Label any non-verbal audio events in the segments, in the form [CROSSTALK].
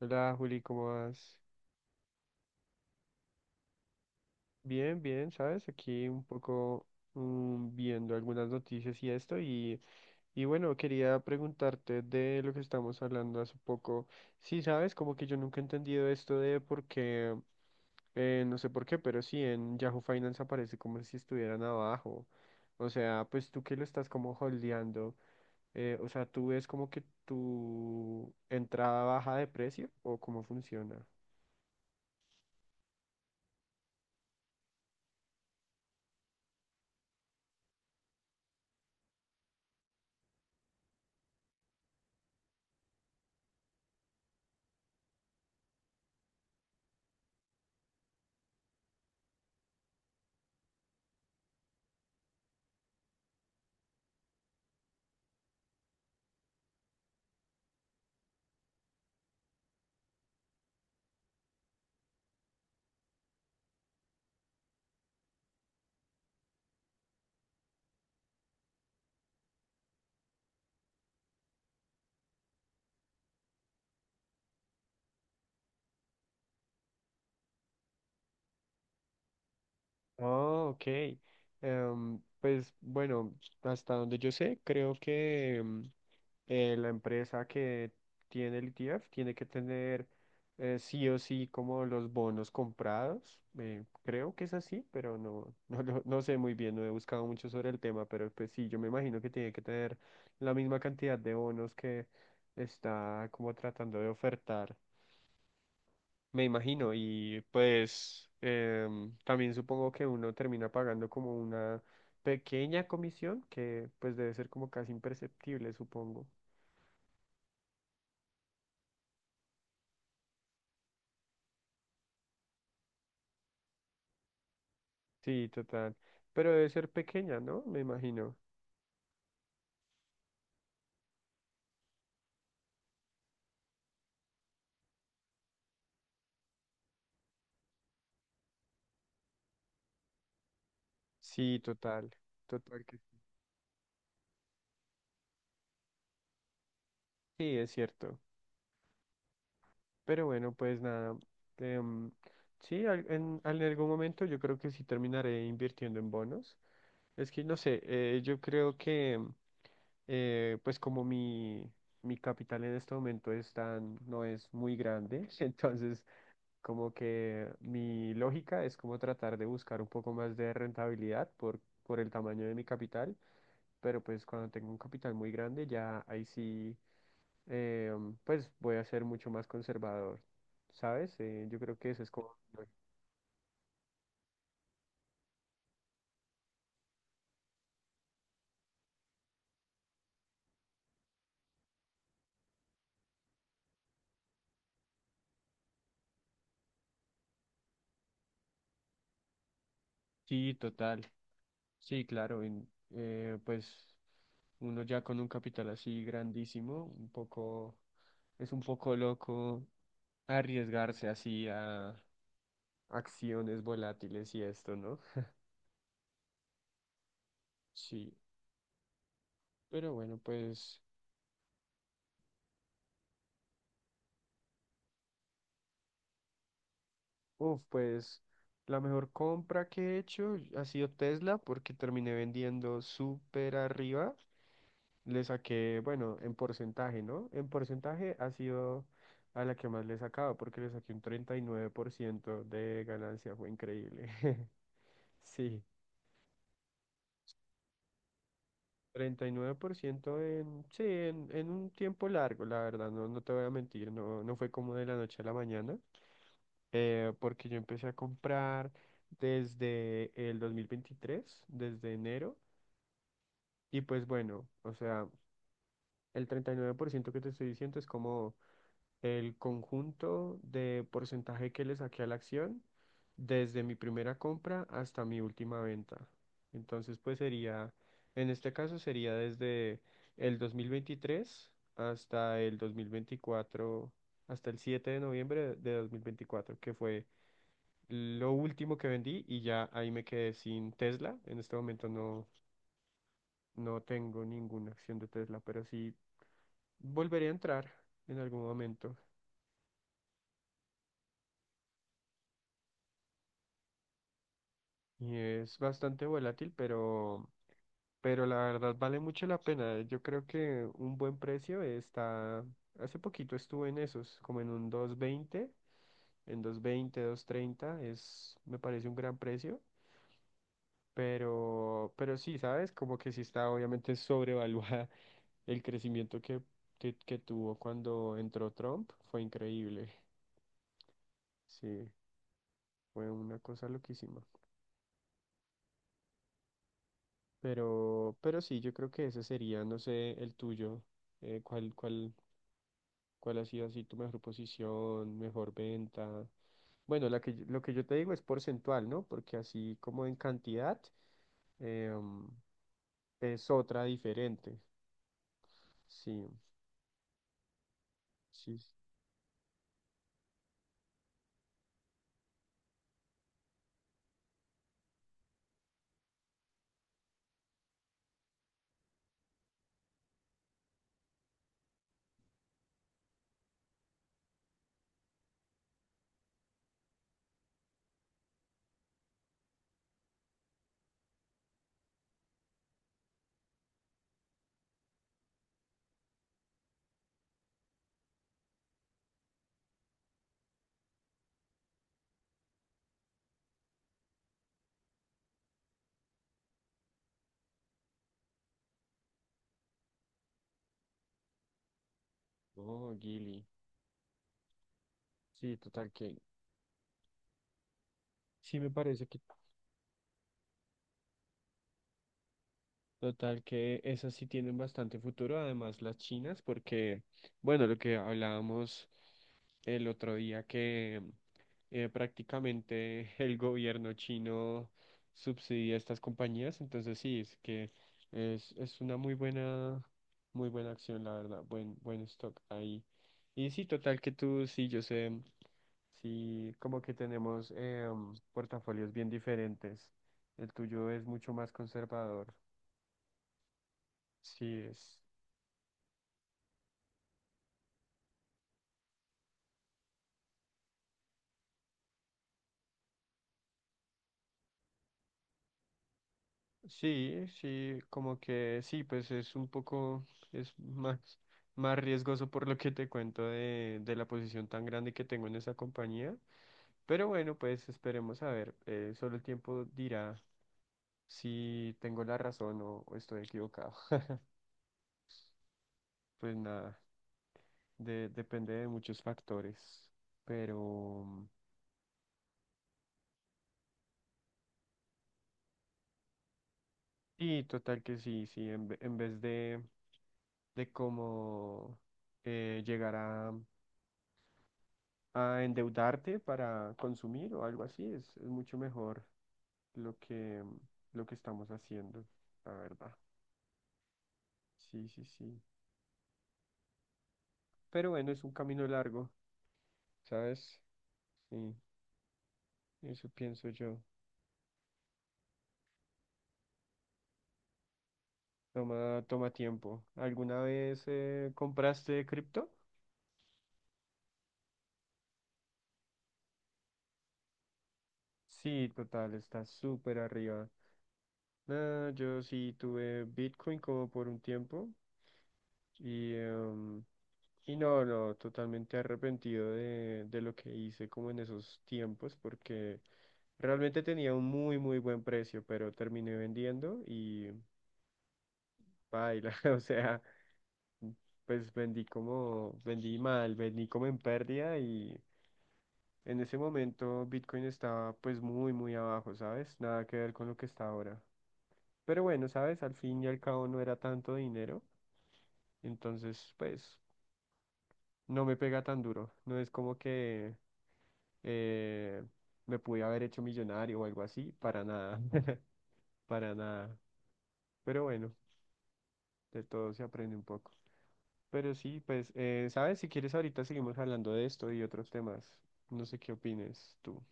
Hola Juli, ¿cómo vas? Bien, bien, ¿sabes? Aquí un poco viendo algunas noticias y esto y bueno, quería preguntarte de lo que estamos hablando hace poco. Sí, ¿sabes? Como que yo nunca he entendido esto de por qué, no sé por qué, pero sí, en Yahoo Finance aparece como si estuvieran abajo. O sea, pues tú que lo estás como holdeando, o sea, ¿tú ves como que tu entrada baja de precio o cómo funciona? Oh, ok. Pues bueno, hasta donde yo sé, creo que la empresa que tiene el ETF tiene que tener sí o sí como los bonos comprados. Creo que es así, pero no, [LAUGHS] no, no sé muy bien, no he buscado mucho sobre el tema, pero pues sí, yo me imagino que tiene que tener la misma cantidad de bonos que está como tratando de ofertar, me imagino, y pues también supongo que uno termina pagando como una pequeña comisión que pues debe ser como casi imperceptible, supongo. Sí, total. Pero debe ser pequeña, ¿no? Me imagino. Sí, total. Total que sí, es cierto. Pero bueno, pues nada. em, sí, en algún momento yo creo que sí terminaré invirtiendo en bonos. Es que no sé, yo creo que, pues como mi capital en este momento es tan, no es muy grande, [LAUGHS] entonces como que mi lógica es como tratar de buscar un poco más de rentabilidad por el tamaño de mi capital, pero pues cuando tengo un capital muy grande ya ahí sí, eh, pues voy a ser mucho más conservador, ¿sabes? Yo creo que eso es como... Sí, total. Sí, claro, pues uno ya con un capital así grandísimo, un poco, es un poco loco arriesgarse así a acciones volátiles y esto, ¿no? Sí, pero bueno, pues, uff, pues la mejor compra que he hecho ha sido Tesla porque terminé vendiendo súper arriba. Le saqué, bueno, en porcentaje, ¿no? En porcentaje ha sido a la que más le he sacado, porque le saqué un 39% de ganancia, fue increíble. [LAUGHS] Sí, 39% sí, en un tiempo largo, la verdad, no, no te voy a mentir, no, no fue como de la noche a la mañana, porque yo empecé a comprar desde el 2023, desde enero, y pues bueno, o sea, el 39% que te estoy diciendo es como... el conjunto de porcentaje que le saqué a la acción desde mi primera compra hasta mi última venta. Entonces, pues sería, en este caso sería desde el 2023 hasta el 2024, hasta el 7 de noviembre de 2024, que fue lo último que vendí y ya ahí me quedé sin Tesla. En este momento no, no tengo ninguna acción de Tesla, pero sí volveré a entrar en algún momento. Y es bastante volátil, pero la verdad vale mucho la pena. Yo creo que un buen precio está... Hace poquito estuve en esos, como en un dos veinte, en dos veinte dos treinta es, me parece un gran precio, pero sí, ¿sabes? Como que sí está obviamente [LAUGHS] sobrevaluada. El crecimiento que que tuvo cuando entró Trump, fue increíble. Sí, fue una cosa loquísima. Pero sí, yo creo que ese sería, no sé, el tuyo. ¿Cuál, cuál ha sido así tu mejor posición, mejor venta? Bueno, la que, lo que yo te digo es porcentual, ¿no? Porque así como en cantidad em, es otra diferente. Sí, sí. Sí. Oh, Gili. Sí, total que sí me parece que total que esas sí tienen bastante futuro, además las chinas, porque, bueno, lo que hablábamos el otro día, que prácticamente [LAUGHS] el gobierno chino subsidia estas compañías, entonces sí, es que es una muy buena acción, la verdad, buen, buen stock ahí. Y sí, total que tú, sí, yo sé, sí, como que tenemos portafolios bien diferentes. El tuyo es mucho más conservador. Sí, es, sí, sí, como que sí, pues es un poco, es más, más riesgoso por lo que te cuento de la posición tan grande que tengo en esa compañía. Pero bueno, pues esperemos a ver, solo el tiempo dirá si tengo la razón o estoy equivocado. Pues nada, depende de muchos factores, pero sí, total que sí, sí, en vez de cómo llegar a endeudarte para consumir o algo así. Es mucho mejor lo que, lo que estamos haciendo, la verdad. Sí, sí, sí. Pero bueno, es un camino largo, ¿sabes? Sí, eso pienso yo. Toma, toma tiempo. ¿Alguna vez compraste cripto? Sí, total, está súper arriba. No, yo sí tuve Bitcoin como por un tiempo. Y, y no, no, totalmente arrepentido de lo que hice como en esos tiempos, porque realmente tenía un muy, muy buen precio, pero terminé vendiendo y baila, [LAUGHS] o sea, pues vendí como, vendí mal, vendí como en pérdida y en ese momento Bitcoin estaba pues muy, muy abajo, ¿sabes? Nada que ver con lo que está ahora. Pero bueno, ¿sabes? Al fin y al cabo no era tanto dinero, entonces pues no me pega tan duro, no es como que eh, me pude haber hecho millonario o algo así, para nada, [LAUGHS] para nada. Pero bueno, de todo se aprende un poco. Pero sí, pues, ¿sabes? Si quieres, ahorita seguimos hablando de esto y otros temas. No sé qué opines tú.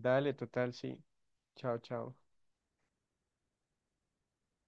Dale, total, sí. Chao, chao.